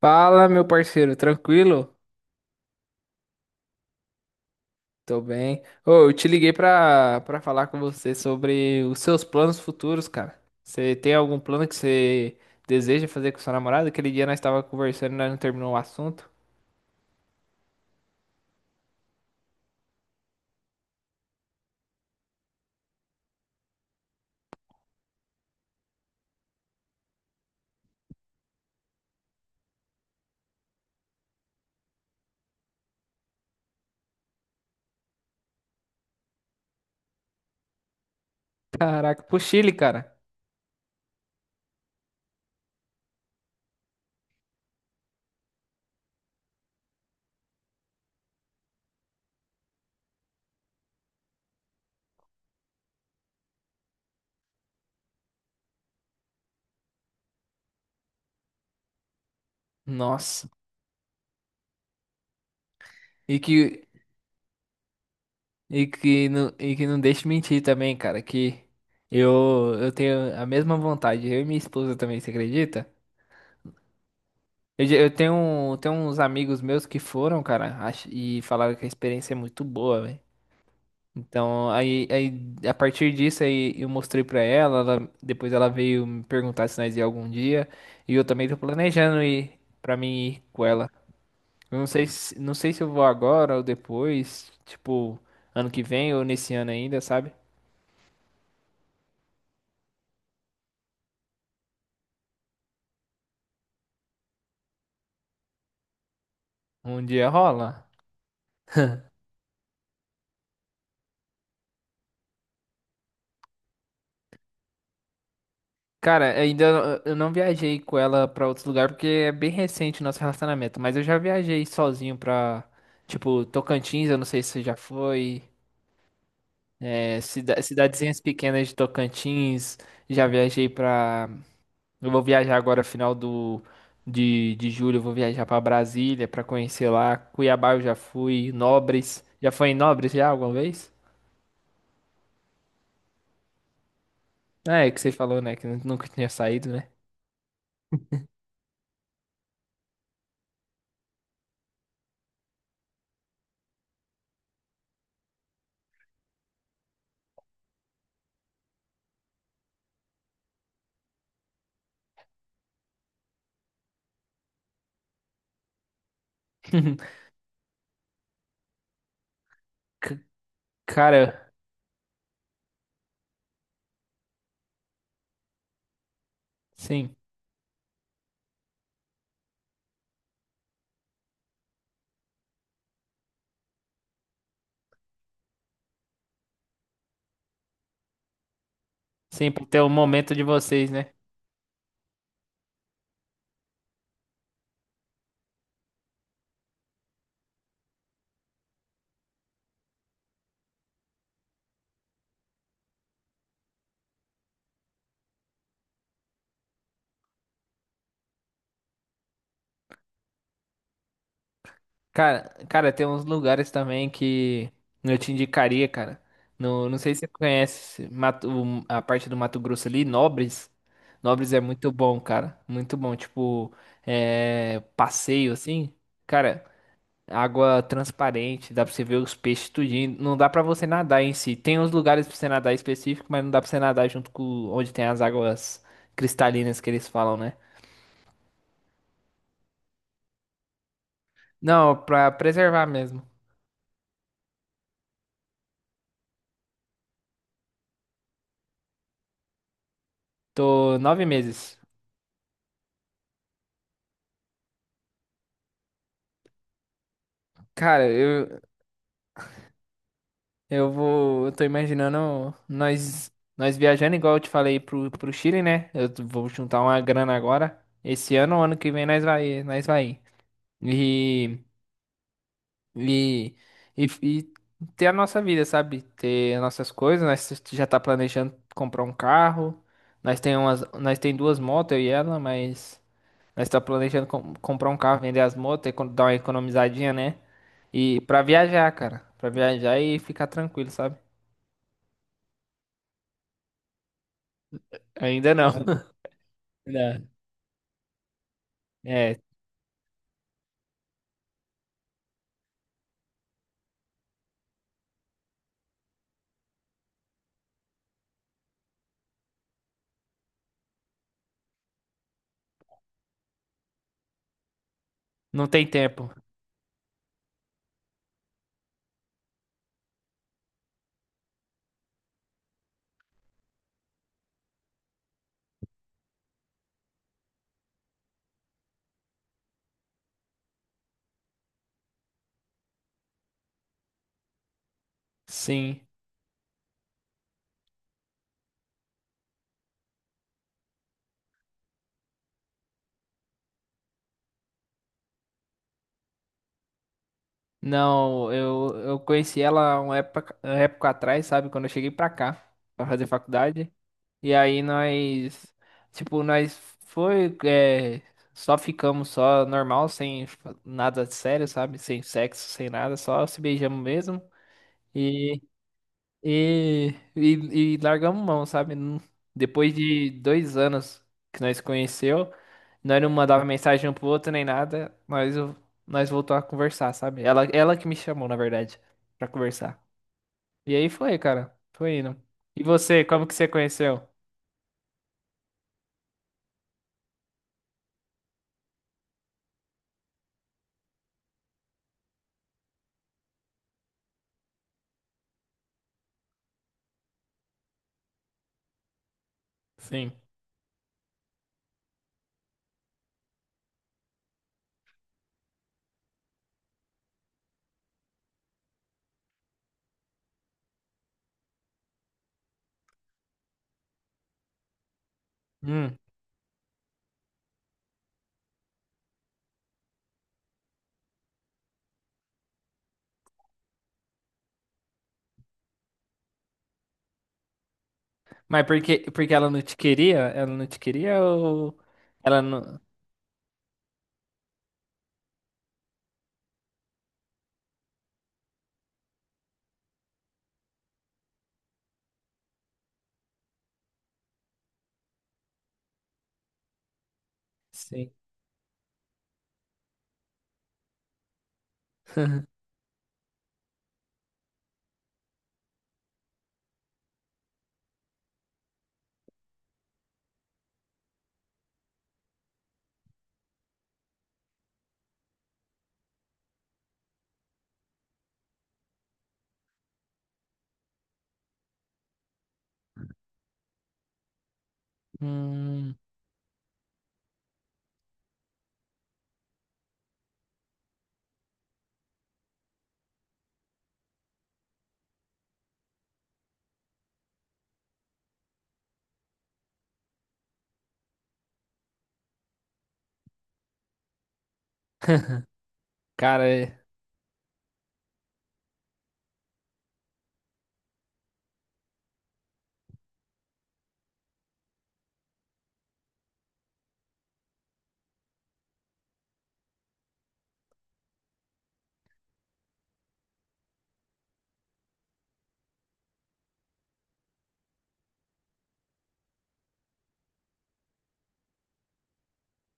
Fala, meu parceiro, tranquilo? Tô bem. Ô, eu te liguei pra falar com você sobre os seus planos futuros, cara. Você tem algum plano que você deseja fazer com sua namorada? Aquele dia nós tava conversando e nós não terminou o assunto. Caraca, pro Chile, cara. Nossa. E que, e que não deixe mentir também, cara, que eu tenho a mesma vontade. Eu e minha esposa também, você acredita? Eu, já- eu tenho, um- tenho uns amigos meus que foram, cara, e falaram que a experiência é muito boa, velho. Então, aí a partir disso aí eu mostrei pra ela, depois ela veio me perguntar se nós ia algum dia, e eu também tô planejando ir pra mim ir com ela. Eu não sei se eu vou agora ou depois, tipo, ano que vem ou nesse ano ainda, sabe? Um dia rola. Cara, ainda eu não viajei com ela pra outro lugar porque é bem recente o nosso relacionamento, mas eu já viajei sozinho pra, tipo, Tocantins, eu não sei se você já foi. É, cidadezinhas pequenas de Tocantins. Já viajei pra. Eu vou viajar agora, final de julho. Eu vou viajar pra Brasília pra conhecer lá. Cuiabá eu já fui. Nobres. Já foi em Nobres já alguma vez? É, que você falou, né? Que nunca tinha saído, né? C- Cara, sim. Sim, pra ter um momento de vocês, né? Cara, cara, tem uns lugares também que eu te indicaria, cara. No, não sei se você conhece a parte do Mato Grosso ali, Nobres. Nobres é muito bom, cara. Muito bom. Tipo, é, passeio assim. Cara, água transparente, dá pra você ver os peixes tudinho. Não dá pra você nadar em si. Tem uns lugares pra você nadar específico, mas não dá pra você nadar junto com onde tem as águas cristalinas que eles falam, né? Não, pra preservar mesmo. Tô 9 meses. Cara, Eu vou. Eu tô imaginando nós viajando, igual eu te falei, pro Chile, né? Eu vou juntar uma grana agora. Esse ano, ano que vem, nós vai, nós vai. E, e, e ter a nossa vida, sabe? Ter as nossas coisas. Nós já tá planejando comprar um carro. Nós tem duas motos, eu e ela, mas nós tá planejando comprar um carro, vender as motos, e dar uma economizadinha, né? E pra viajar, cara. Pra viajar e ficar tranquilo, sabe? Ainda não. Não. É, não tem tempo. Sim. Não, eu conheci ela uma época atrás, sabe? Quando eu cheguei pra cá, pra fazer faculdade. E aí tipo, nós foi, é, só ficamos só normal, sem fa- nada de sério, sabe? Sem sexo, sem nada, só se beijamos mesmo. E largamos mão, sabe? Não. Depois de 2 anos que nós conheceu, nós não mandava mensagem um pro outro nem nada, nós voltou a conversar, sabe? Ela que me chamou, na verdade, pra conversar. E aí foi, cara. Foi indo. E você, como que você conheceu? Sim. Hum. Mas porque ela não te queria? Ela não te queria ou ela não. Sim. Hum. Cara,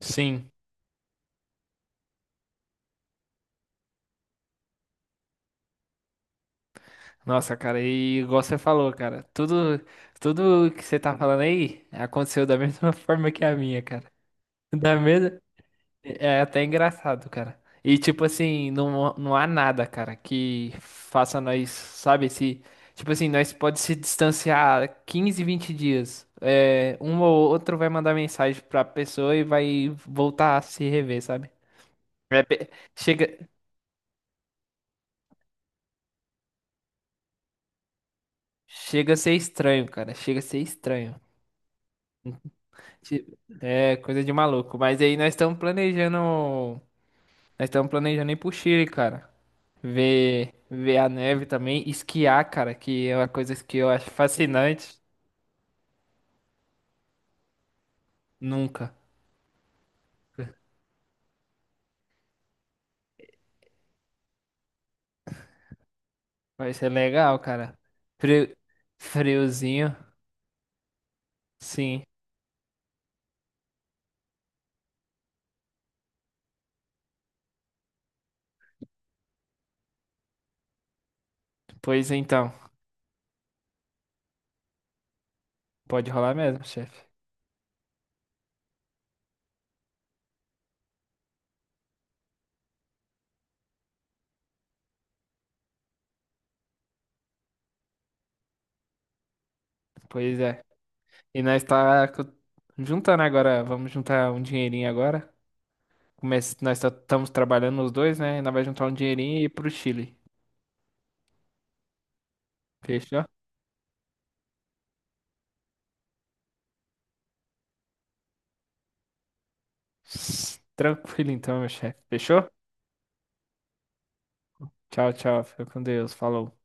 sim. Nossa, cara, e igual você falou, cara, tudo que você tá falando aí aconteceu da mesma forma que a minha, cara. Da mesma, é até engraçado, cara. E tipo assim, não, não há nada, cara, que faça nós, sabe, se, tipo assim, nós pode se distanciar 15, 20 dias. É, um ou outro vai mandar mensagem pra pessoa e vai voltar a se rever, sabe? É pe- chega, chega a ser estranho, cara, chega a ser estranho. Ti- É coisa de maluco. Mas aí nós estamos planejando. Nós estamos planejando ir pro Chile, cara. Ver a neve também. Esquiar, cara, que é uma coisa que eu acho fascinante. Nunca. Vai ser legal, cara. Frio, friozinho, sim. Pois então. Pode rolar mesmo, chefe. Pois é. E nós tá juntando agora. Vamos juntar um dinheirinho agora. Nós estamos trabalhando os dois, né? Nós vai juntar um dinheirinho e ir pro Chile. Fechou? Tranquilo então, meu chefe. Fechou? Tchau, tchau. Fica com Deus. Falou.